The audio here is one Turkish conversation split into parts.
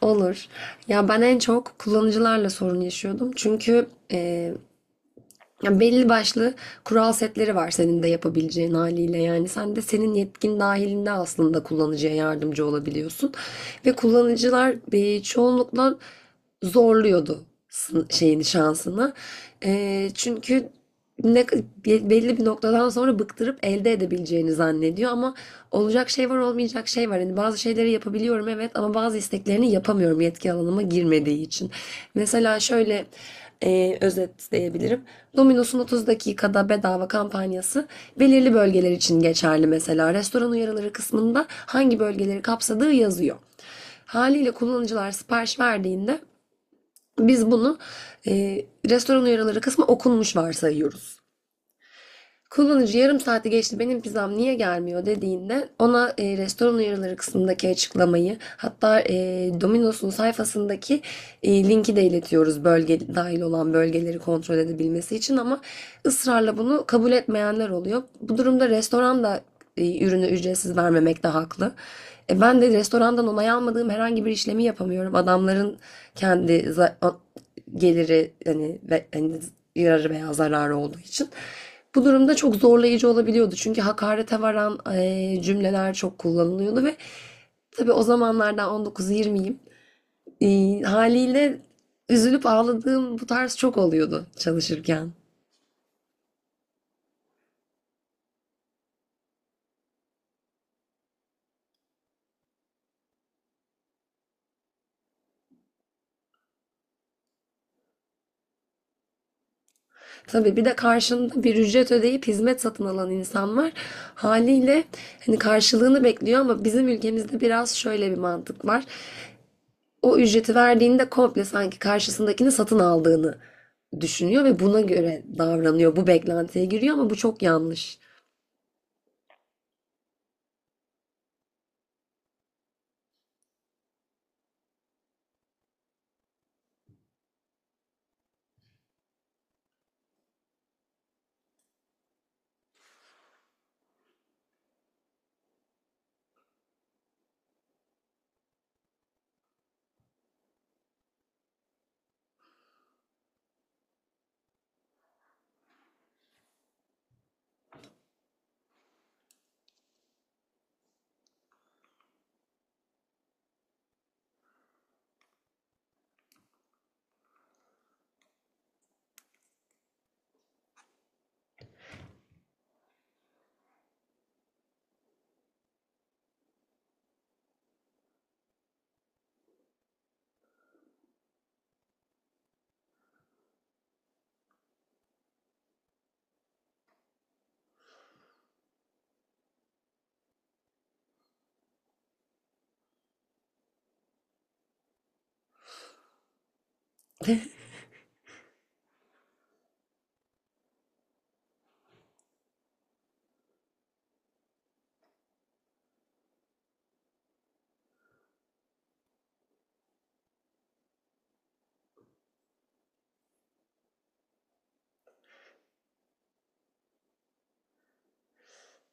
Olur. Ya ben en çok kullanıcılarla sorun yaşıyordum. Çünkü ya belli başlı kural setleri var senin de yapabileceğin haliyle. Yani sen de senin yetkin dahilinde aslında kullanıcıya yardımcı olabiliyorsun. Ve kullanıcılar çoğunlukla zorluyordu şeyini şansını. Çünkü ne, belli bir noktadan sonra bıktırıp elde edebileceğini zannediyor ama olacak şey var olmayacak şey var. Yani bazı şeyleri yapabiliyorum evet ama bazı isteklerini yapamıyorum yetki alanıma girmediği için. Mesela şöyle özetleyebilirim. Domino's'un 30 dakikada bedava kampanyası belirli bölgeler için geçerli mesela. Restoran uyarıları kısmında hangi bölgeleri kapsadığı yazıyor. Haliyle kullanıcılar sipariş verdiğinde biz bunu restoran uyarıları kısmı okunmuş varsayıyoruz. Kullanıcı yarım saati geçti benim pizzam niye gelmiyor dediğinde ona restoran uyarıları kısmındaki açıklamayı hatta Domino's'un sayfasındaki linki de iletiyoruz bölge dahil olan bölgeleri kontrol edebilmesi için ama ısrarla bunu kabul etmeyenler oluyor. Bu durumda restoran da ürünü ücretsiz vermemekte haklı. Ben de restorandan onay almadığım herhangi bir işlemi yapamıyorum. Adamların kendi geliri hani, ve, hani yararı veya zararı olduğu için. Bu durumda çok zorlayıcı olabiliyordu. Çünkü hakarete varan cümleler çok kullanılıyordu ve tabii o zamanlardan 19-20'yim. Haliyle üzülüp ağladığım bu tarz çok oluyordu çalışırken. Tabii bir de karşında bir ücret ödeyip hizmet satın alan insan var. Haliyle hani karşılığını bekliyor ama bizim ülkemizde biraz şöyle bir mantık var. O ücreti verdiğinde komple sanki karşısındakini satın aldığını düşünüyor ve buna göre davranıyor. Bu beklentiye giriyor ama bu çok yanlış.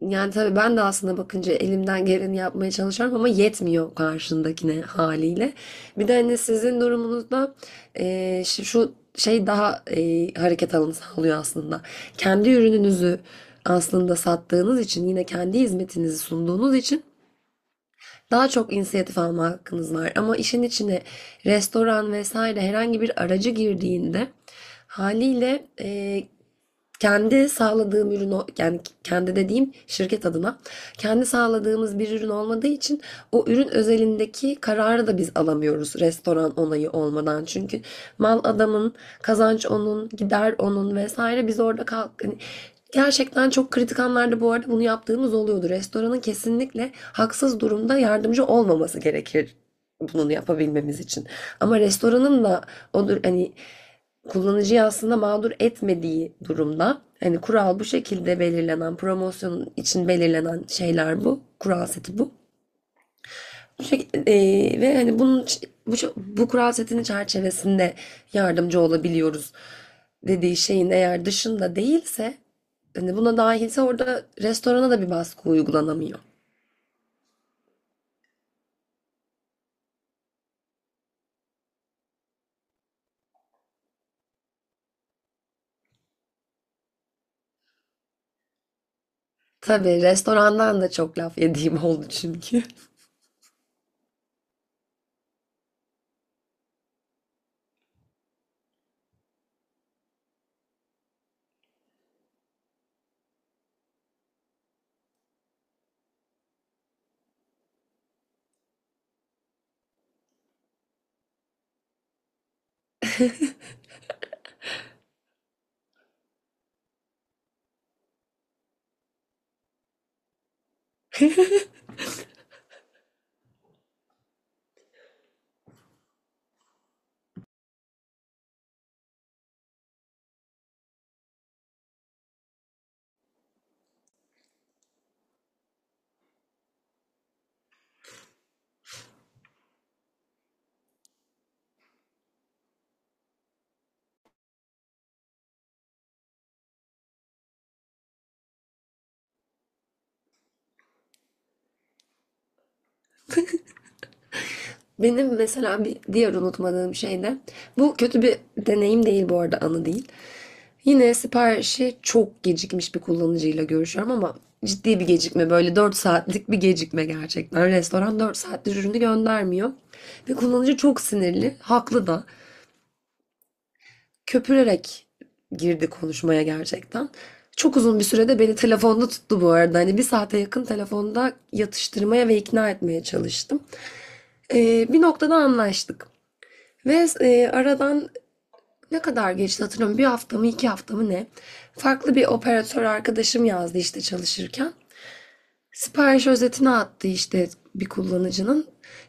Yani tabii ben de aslında bakınca elimden geleni yapmaya çalışıyorum ama yetmiyor karşındakine haliyle. Bir de hani sizin durumunuzda şu şey daha hareket alanı sağlıyor aslında. Kendi ürününüzü aslında sattığınız için yine kendi hizmetinizi sunduğunuz için daha çok inisiyatif alma hakkınız var. Ama işin içine restoran vesaire herhangi bir aracı girdiğinde haliyle kendi sağladığım ürün yani kendi dediğim şirket adına kendi sağladığımız bir ürün olmadığı için o ürün özelindeki kararı da biz alamıyoruz restoran onayı olmadan. Çünkü mal adamın, kazanç onun, gider onun vesaire biz orada kalk hani gerçekten çok kritik anlarda bu arada bunu yaptığımız oluyordu. Restoranın kesinlikle haksız durumda yardımcı olmaması gerekir bunu yapabilmemiz için. Ama restoranın da odur hani kullanıcıyı aslında mağdur etmediği durumda hani kural bu şekilde belirlenen promosyon için belirlenen şeyler bu. Kural seti bu. Ve hani bunun bu kural setinin çerçevesinde yardımcı olabiliyoruz dediği şeyin eğer dışında değilse hani buna dahilse orada restorana da bir baskı uygulanamıyor. Tabii restorandan da çok laf yediğim oldu çünkü. Benim mesela bir diğer unutmadığım şey de bu kötü bir deneyim değil bu arada anı değil. Yine siparişi çok gecikmiş bir kullanıcıyla görüşüyorum ama ciddi bir gecikme böyle 4 saatlik bir gecikme gerçekten. Restoran 4 saattir ürünü göndermiyor ve kullanıcı çok sinirli, haklı da. Köpürerek girdi konuşmaya gerçekten. Çok uzun bir sürede beni telefonda tuttu bu arada. Hani bir saate yakın telefonda yatıştırmaya ve ikna etmeye çalıştım. Bir noktada anlaştık. Ve aradan ne kadar geçti hatırlamıyorum. Bir hafta mı 2 hafta mı ne? Farklı bir operatör arkadaşım yazdı işte çalışırken. Sipariş özetini attı işte bir kullanıcının.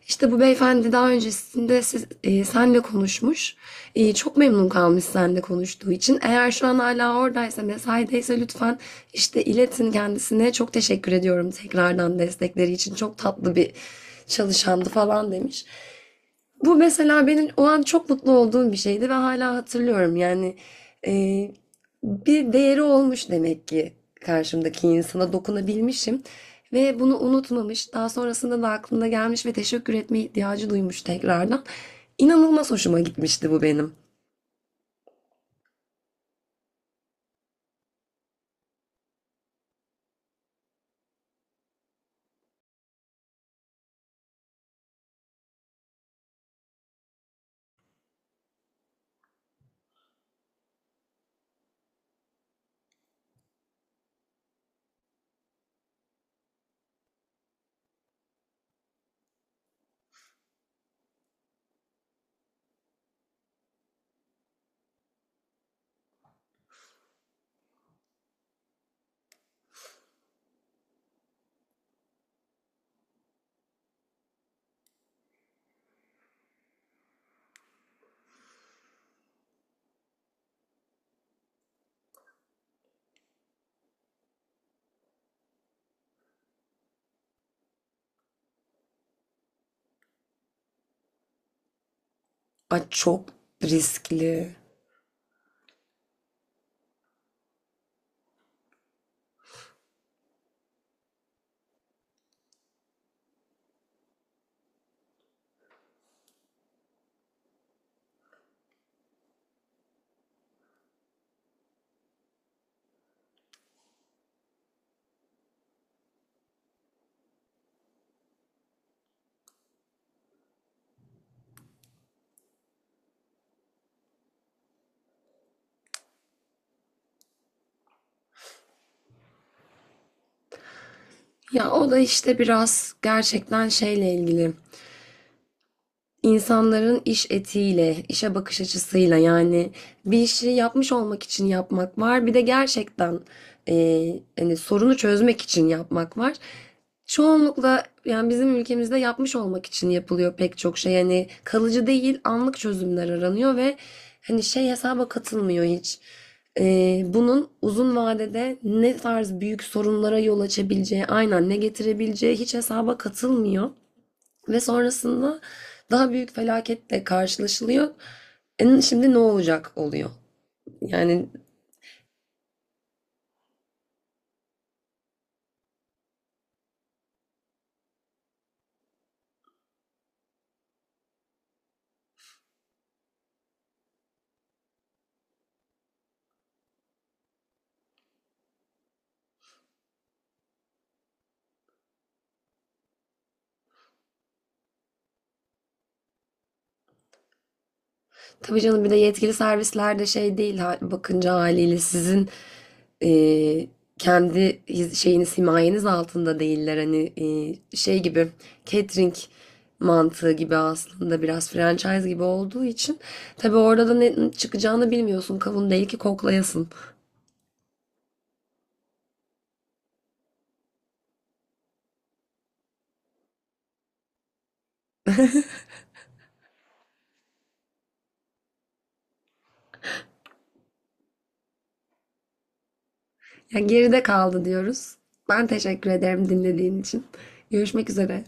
İşte bu beyefendi daha öncesinde senle konuşmuş. Çok memnun kalmış senle konuştuğu için. Eğer şu an hala oradaysa, mesaideyse lütfen işte iletin kendisine. Çok teşekkür ediyorum tekrardan destekleri için. Çok tatlı bir çalışandı falan demiş. Bu mesela benim o an çok mutlu olduğum bir şeydi ve hala hatırlıyorum. Yani e, bir değeri olmuş demek ki karşımdaki insana dokunabilmişim ve bunu unutmamış. Daha sonrasında da aklına gelmiş ve teşekkür etme ihtiyacı duymuş tekrardan. İnanılmaz hoşuma gitmişti bu benim. Ay çok riskli. Ya o da işte biraz gerçekten şeyle ilgili. İnsanların iş etiğiyle, işe bakış açısıyla yani bir işi yapmış olmak için yapmak var. Bir de gerçekten hani sorunu çözmek için yapmak var. Çoğunlukla yani bizim ülkemizde yapmış olmak için yapılıyor pek çok şey. Yani kalıcı değil, anlık çözümler aranıyor ve hani şey hesaba katılmıyor hiç. Bunun uzun vadede ne tarz büyük sorunlara yol açabileceği, aynen ne getirebileceği hiç hesaba katılmıyor. Ve sonrasında daha büyük felaketle karşılaşılıyor. Şimdi ne olacak oluyor. Yani tabii canım bir de yetkili servisler de şey değil bakınca haliyle sizin e, kendi şeyiniz himayeniz altında değiller. Hani şey gibi catering mantığı gibi aslında biraz franchise gibi olduğu için tabii orada da ne çıkacağını bilmiyorsun. Kavun değil ki koklayasın. Ya geride kaldı diyoruz. Ben teşekkür ederim dinlediğin için. Görüşmek üzere.